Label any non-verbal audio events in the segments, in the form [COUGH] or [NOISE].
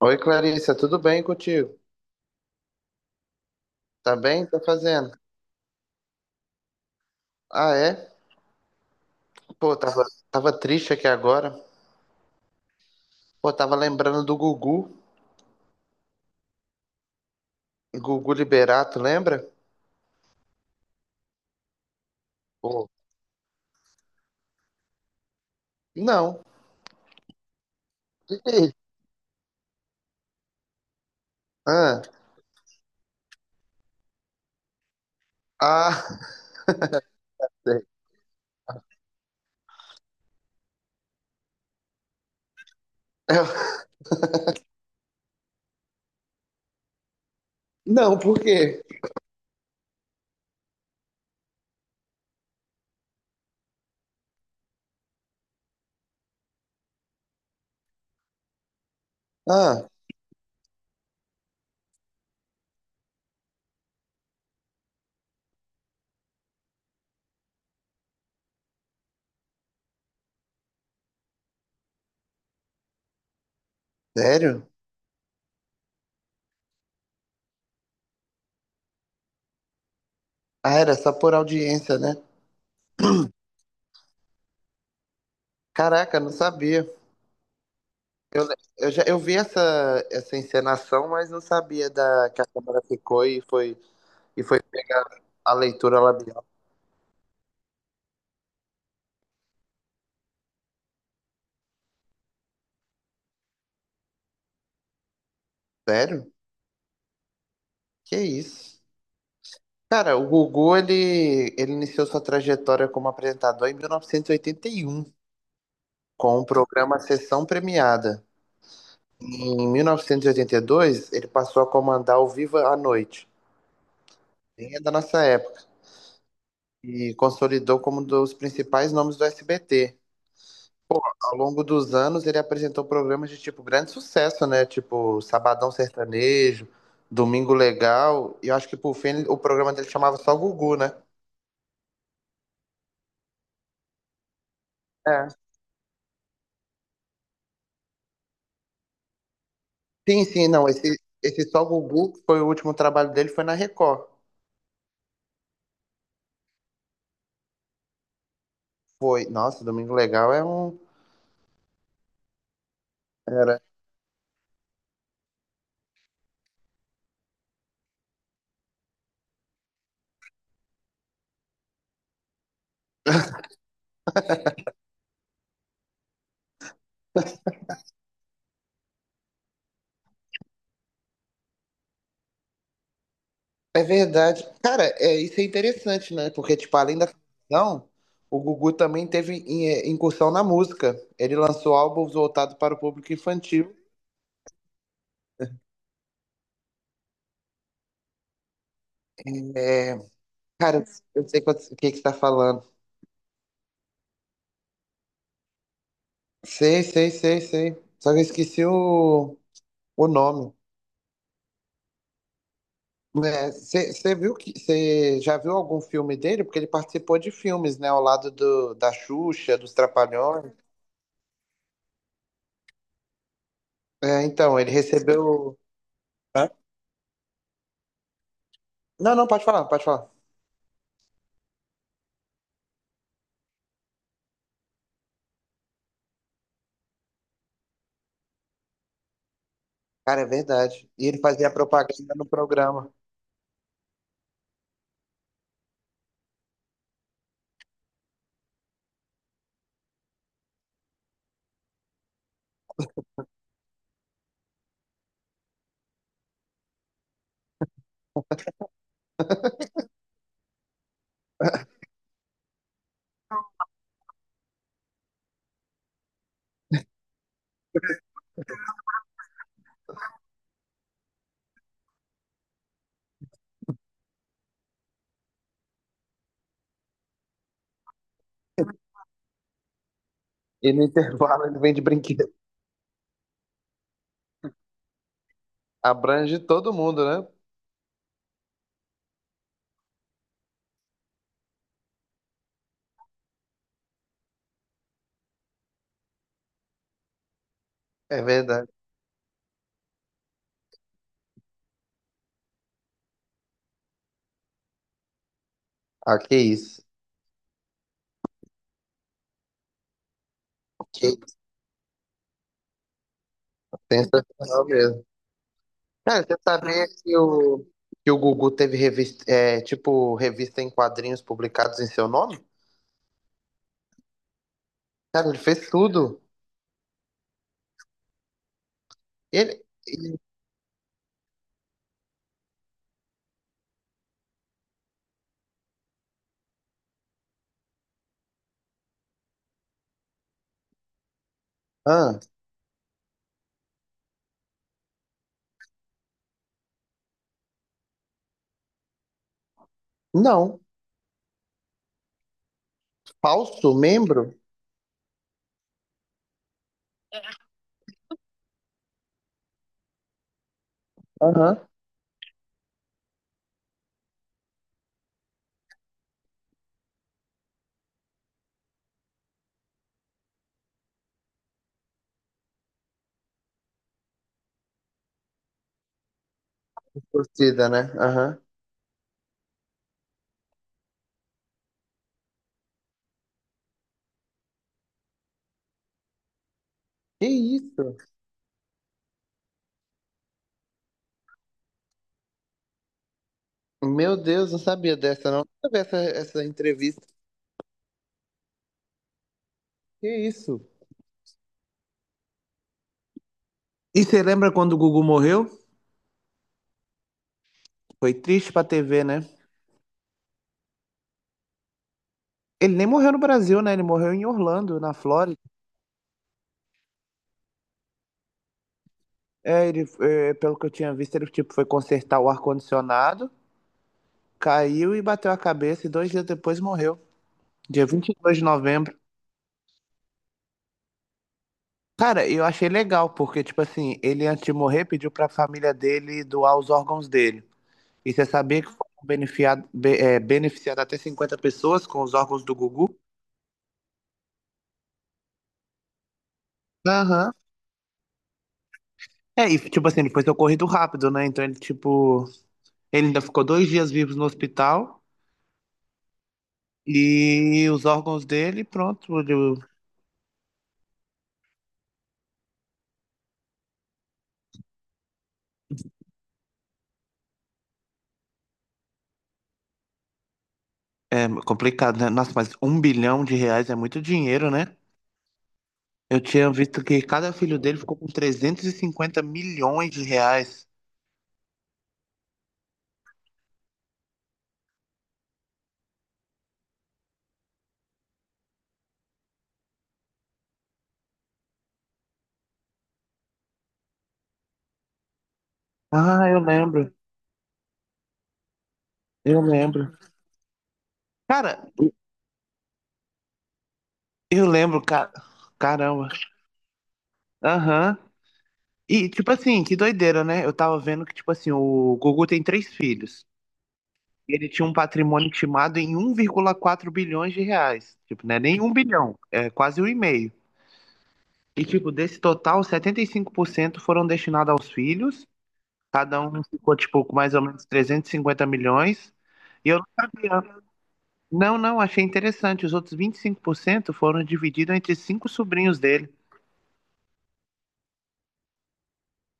Oi, Clarissa, tudo bem contigo? Tá bem? Tá fazendo? Ah, é? Pô, tava triste aqui agora. Pô, tava lembrando do Gugu. Gugu Liberato, lembra? Pô, não. E aí? Ah, ah, [LAUGHS] sei. Eu- não, por quê? Ah, sério? Ah, era só por audiência, né? Caraca, não sabia. Eu, le- eu já eu vi essa, essa encenação, mas não sabia da que a câmera ficou e foi pegar a leitura labial. Sério? Que isso? Cara, o Gugu, ele iniciou sua trajetória como apresentador em 1981, com o programa Sessão Premiada. Em 1982, ele passou a comandar o Viva à Noite, bem é da nossa época, e consolidou como um dos principais nomes do SBT. Ao longo dos anos, ele apresentou programas de, tipo, grande sucesso, né? Tipo, Sabadão Sertanejo, Domingo Legal, e eu acho que, por fim, o programa dele chamava só Gugu, né? É. Sim, sim, não. Esse Só Gugu, que foi o último trabalho dele, foi na Record. Foi. Nossa, Domingo Legal é um. Era. É verdade. Cara, é, isso é interessante, né? Porque, tipo, além da ficção, o Gugu também teve incursão na música. Ele lançou álbuns voltados para o público infantil. É, cara, eu sei o que que você tá falando. Sei, sei, sei, sei. Só que eu esqueci o nome. Você viu que você já viu algum filme dele? Porque ele participou de filmes, né? Ao lado do, da Xuxa, dos Trapalhões. É, então, ele recebeu. Hã? Não, não, pode falar, pode falar. Cara, é verdade. E ele fazia propaganda no programa. E no intervalo ele vende brinquedo. Abrange todo mundo, né? É verdade. Ah, que isso. Que sensacional mesmo. Cara, você sabia que o Gugu teve revista, tipo, revista em quadrinhos publicados em seu nome? Cara, ele fez tudo. Ele. Ah, não. Falso membro? Aham. Torcida, né? Aham. Que isso? Meu Deus, não sabia dessa, não. Nunca vi essa entrevista. Que isso? E você lembra quando o Gugu morreu? Foi triste pra TV, né? Ele nem morreu no Brasil, né? Ele morreu em Orlando, na Flórida. É, ele, pelo que eu tinha visto, ele tipo, foi consertar o ar-condicionado, caiu e bateu a cabeça, e dois dias depois morreu. Dia 22 de novembro. Cara, eu achei legal, porque, tipo assim, ele antes de morrer pediu pra família dele doar os órgãos dele. E você sabia que foram beneficiadas até 50 pessoas com os órgãos do Gugu? Aham. É, e, tipo assim, ele foi socorrido rápido, né? Então ele, tipo, ele ainda ficou dois dias vivos no hospital e os órgãos dele, pronto. É complicado, né? Nossa, mas um bilhão de reais é muito dinheiro, né? Eu tinha visto que cada filho dele ficou com 350 milhões de reais. Ah, eu lembro. Eu lembro. Cara, eu lembro, cara. Caramba. Aham. E, tipo assim, que doideira, né? Eu tava vendo que, tipo assim, o Gugu tem três filhos. Ele tinha um patrimônio estimado em 1,4 bilhões de reais. Tipo, não é nem um bilhão, é quase um e meio. E, tipo, desse total, 75% foram destinados aos filhos. Cada um ficou, tipo, com mais ou menos 350 milhões. E eu não sabia. Não, não, achei interessante. Os outros 25% foram divididos entre cinco sobrinhos dele.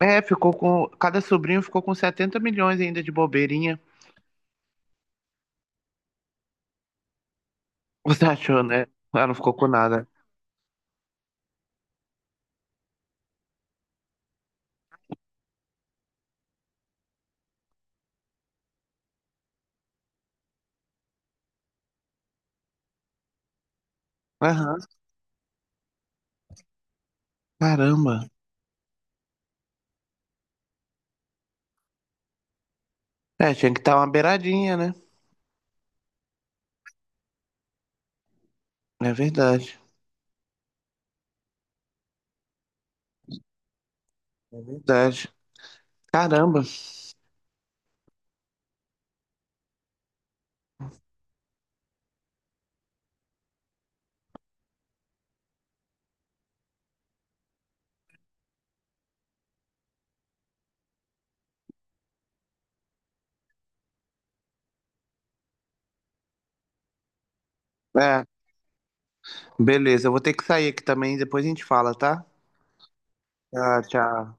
É, ficou com. Cada sobrinho ficou com 70 milhões ainda de bobeirinha. Você achou, né? Ela não ficou com nada. Aham, caramba. É, tinha que estar uma beiradinha, né? É verdade. É verdade. Caramba. É, beleza. Eu vou ter que sair aqui também, depois a gente fala, tá? Tchau, tchau.